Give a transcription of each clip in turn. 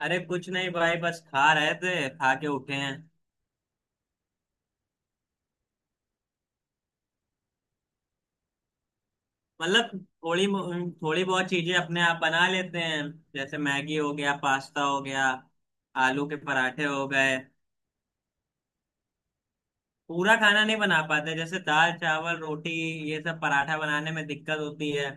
अरे कुछ नहीं भाई, बस खा रहे थे, खा के उठे हैं। मतलब थोड़ी थोड़ी बहुत चीजें अपने आप बना लेते हैं। जैसे मैगी हो गया, पास्ता हो गया, आलू के पराठे हो गए। पूरा खाना नहीं बना पाते, जैसे दाल, चावल, रोटी, ये सब पराठा बनाने में दिक्कत होती है।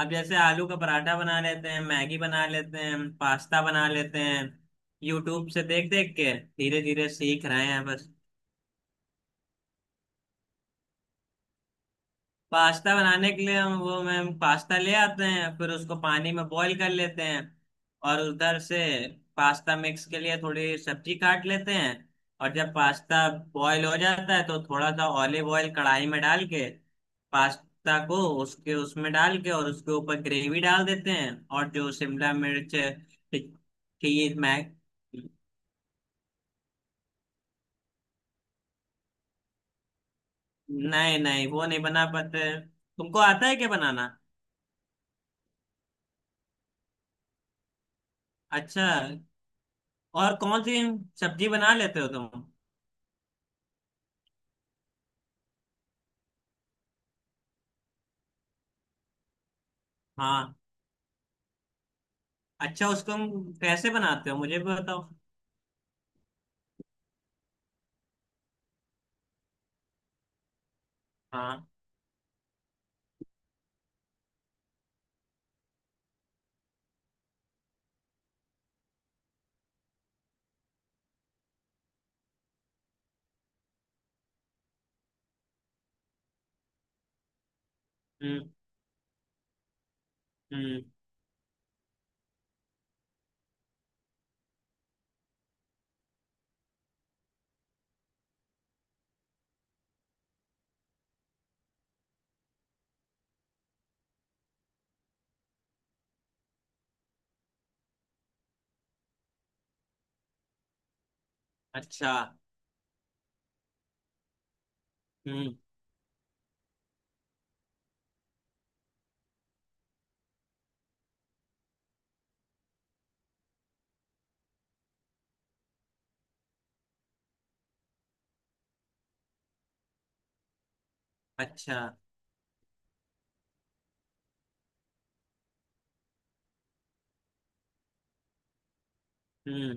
अब जैसे आलू का पराठा बना लेते हैं, मैगी बना लेते हैं, पास्ता बना लेते हैं। यूट्यूब से देख देख के धीरे धीरे सीख रहे हैं बस। पास्ता बनाने के लिए हम वो मैम पास्ता ले आते हैं, फिर उसको पानी में बॉईल कर लेते हैं। और उधर से पास्ता मिक्स के लिए थोड़ी सब्जी काट लेते हैं। और जब पास्ता बॉईल हो जाता है तो थोड़ा सा ऑलिव ऑयल कढ़ाई में डाल के, पास्ता को उसके उसमें डाल के और उसके ऊपर ग्रेवी डाल देते हैं, और जो शिमला मिर्च, खीर मैं। नहीं, नहीं, वो नहीं बना पाते। तुमको आता है क्या बनाना? अच्छा। और कौन सी सब्जी बना लेते हो तुम? हाँ। अच्छा, उसको हम कैसे बनाते हो, मुझे भी बताओ। हाँ। हम्म। हम्म। अच्छा। हम्म। अच्छा। हम्म।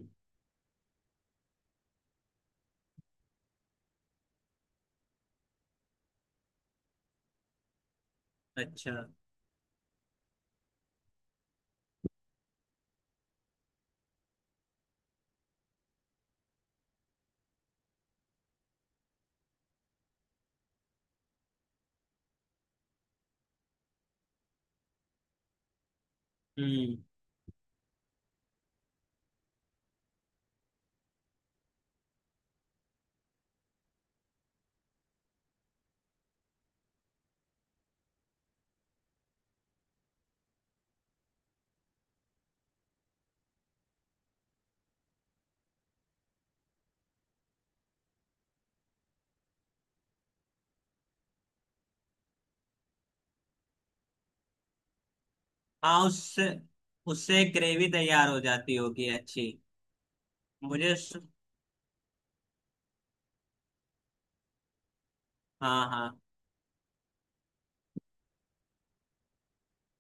अच्छा। हम्म। हाँ, उससे उससे ग्रेवी तैयार हो जाती होगी अच्छी। मुझे। हाँ, हाँ।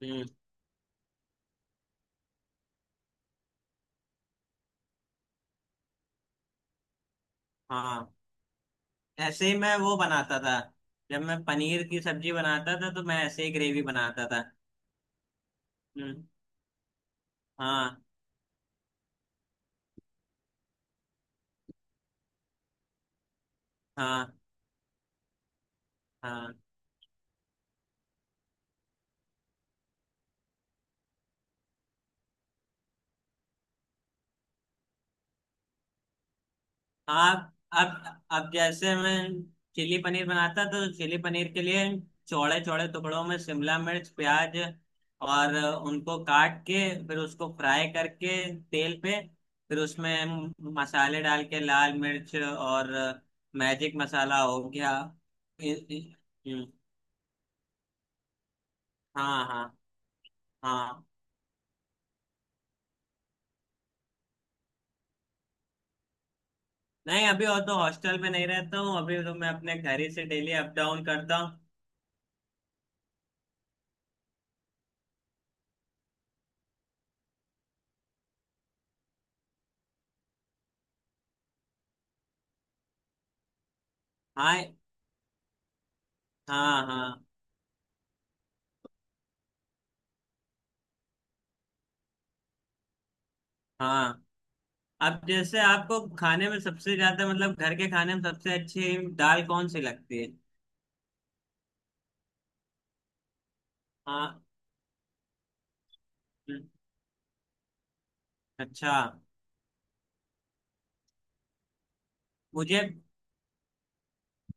हम्म। हाँ। ऐसे ही मैं वो बनाता था। जब मैं पनीर की सब्जी बनाता था तो मैं ऐसे ही ग्रेवी बनाता था। हम्म। हाँ, हाँ, हाँ। आप। अब जैसे मैं चिली पनीर बनाता, तो चिली पनीर के लिए चौड़े चौड़े टुकड़ों में शिमला मिर्च, प्याज, और उनको काट के, फिर उसको फ्राई करके, तेल पे, फिर उसमें मसाले डाल के, लाल मिर्च और मैजिक मसाला हो गया। इ- इ- हम्म। हाँ, हाँ, हाँ। नहीं, अभी और तो हॉस्टल में नहीं रहता हूँ। अभी तो मैं अपने घर ही से डेली अप डाउन करता हूँ। हाँ, हाँ, हाँ, हाँ। अब जैसे आपको खाने में सबसे ज्यादा, मतलब घर के खाने में, सबसे अच्छी दाल कौन सी लगती है? हाँ। हम्म। अच्छा। मुझे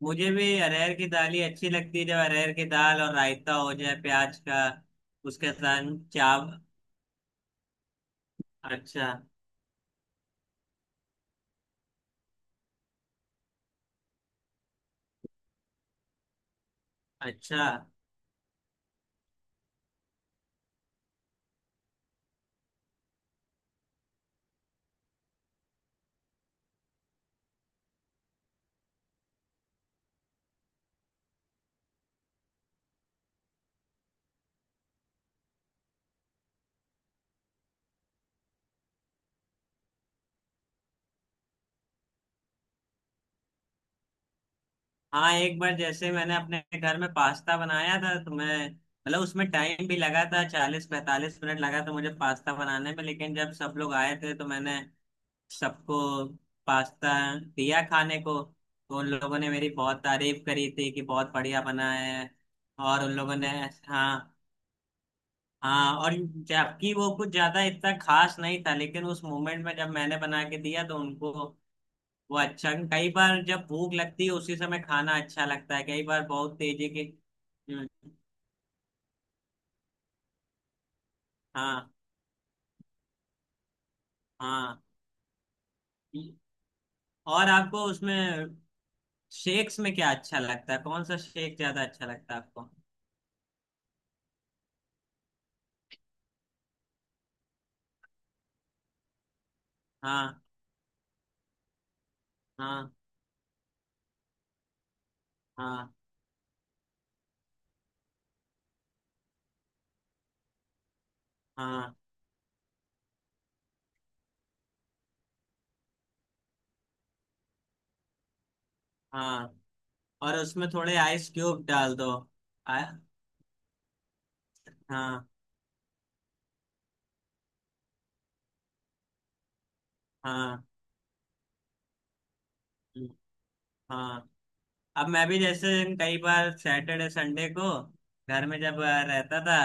मुझे भी अरहर की दाल ही अच्छी लगती है। जब अरहर की दाल और रायता हो जाए प्याज का, उसके साथ चाव। अच्छा। अच्छा। हाँ, एक बार जैसे मैंने अपने घर में पास्ता बनाया था, तो मैं, मतलब उसमें टाइम भी लगा था, 40-45 मिनट लगा था मुझे पास्ता बनाने में। लेकिन जब सब लोग आए थे तो मैंने सबको पास्ता दिया खाने को, तो उन लोगों ने मेरी बहुत तारीफ करी थी कि बहुत बढ़िया बना है। और उन लोगों ने। हाँ, हाँ। और जबकि वो कुछ ज्यादा इतना खास नहीं था, लेकिन उस मोमेंट में जब मैंने बना के दिया तो उनको वो अच्छा। कई बार जब भूख लगती है उसी समय खाना अच्छा लगता है। कई बार बहुत तेजी की। हम्म। हाँ, हाँ। और आपको उसमें शेक्स में क्या अच्छा लगता है? कौन सा शेक ज्यादा अच्छा लगता है आपको? हाँ, हाँ, हाँ, हाँ, हाँ। और उसमें थोड़े आइस क्यूब डाल दो। आ, हाँ, हाँ। हम्म। हाँ। अब मैं भी जैसे कई बार सैटरडे संडे को घर में जब रहता था,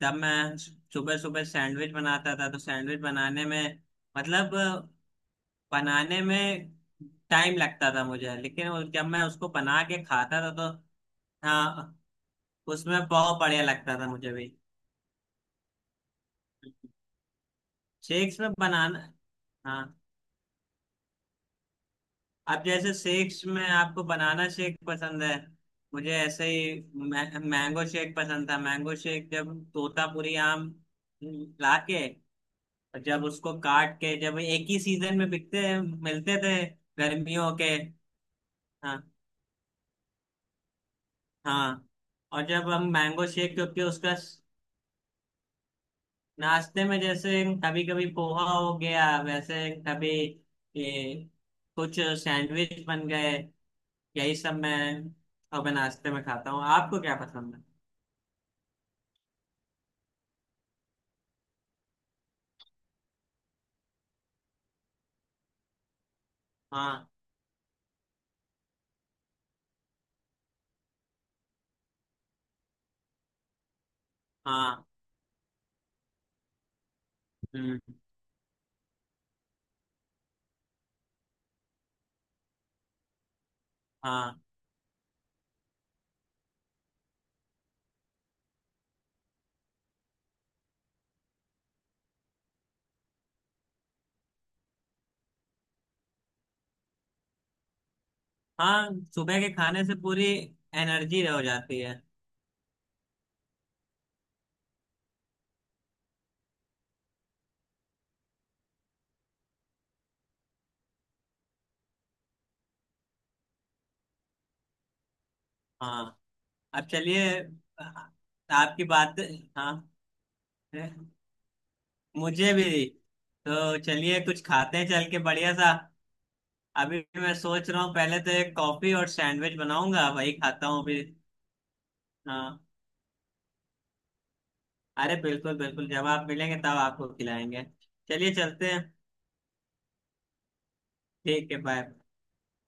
तब मैं सुबह सुबह सैंडविच बनाता था, तो सैंडविच बनाने में, मतलब बनाने में टाइम लगता था मुझे। लेकिन जब मैं उसको बना के खाता था तो, हाँ, उसमें बहुत बढ़िया लगता था मुझे भी। शेक्स में बनाना। हाँ। अब जैसे शेक्स में आपको बनाना शेक पसंद है। मुझे ऐसे ही मैंगो शेक पसंद था। मैंगो शेक, जब तोतापुरी आम लाके और जब उसको काट के, जब एक ही सीजन में बिकते मिलते थे। गर्मियों के। हाँ, हाँ। और जब हम मैंगो शेक, क्योंकि उसका। नाश्ते में जैसे कभी कभी पोहा हो गया, वैसे कभी ये कुछ सैंडविच बन गए, यही सब मैं अब मैं नाश्ते में खाता हूँ। आपको क्या पसंद है? हाँ, हाँ। हम्म। हाँ, हाँ। सुबह के खाने से पूरी एनर्जी हो जाती है। हाँ। अब चलिए आ- आपकी बात। हाँ, मुझे भी। तो चलिए कुछ खाते हैं चल के बढ़िया सा। अभी मैं सोच रहा हूँ पहले तो एक कॉफी और सैंडविच बनाऊंगा, वही खाता हूँ अभी। हाँ। अरे, बिल्कुल, बिल्कुल, जब आप मिलेंगे तब आपको खिलाएंगे। चलिए, चलते हैं। ठीक है, बाय।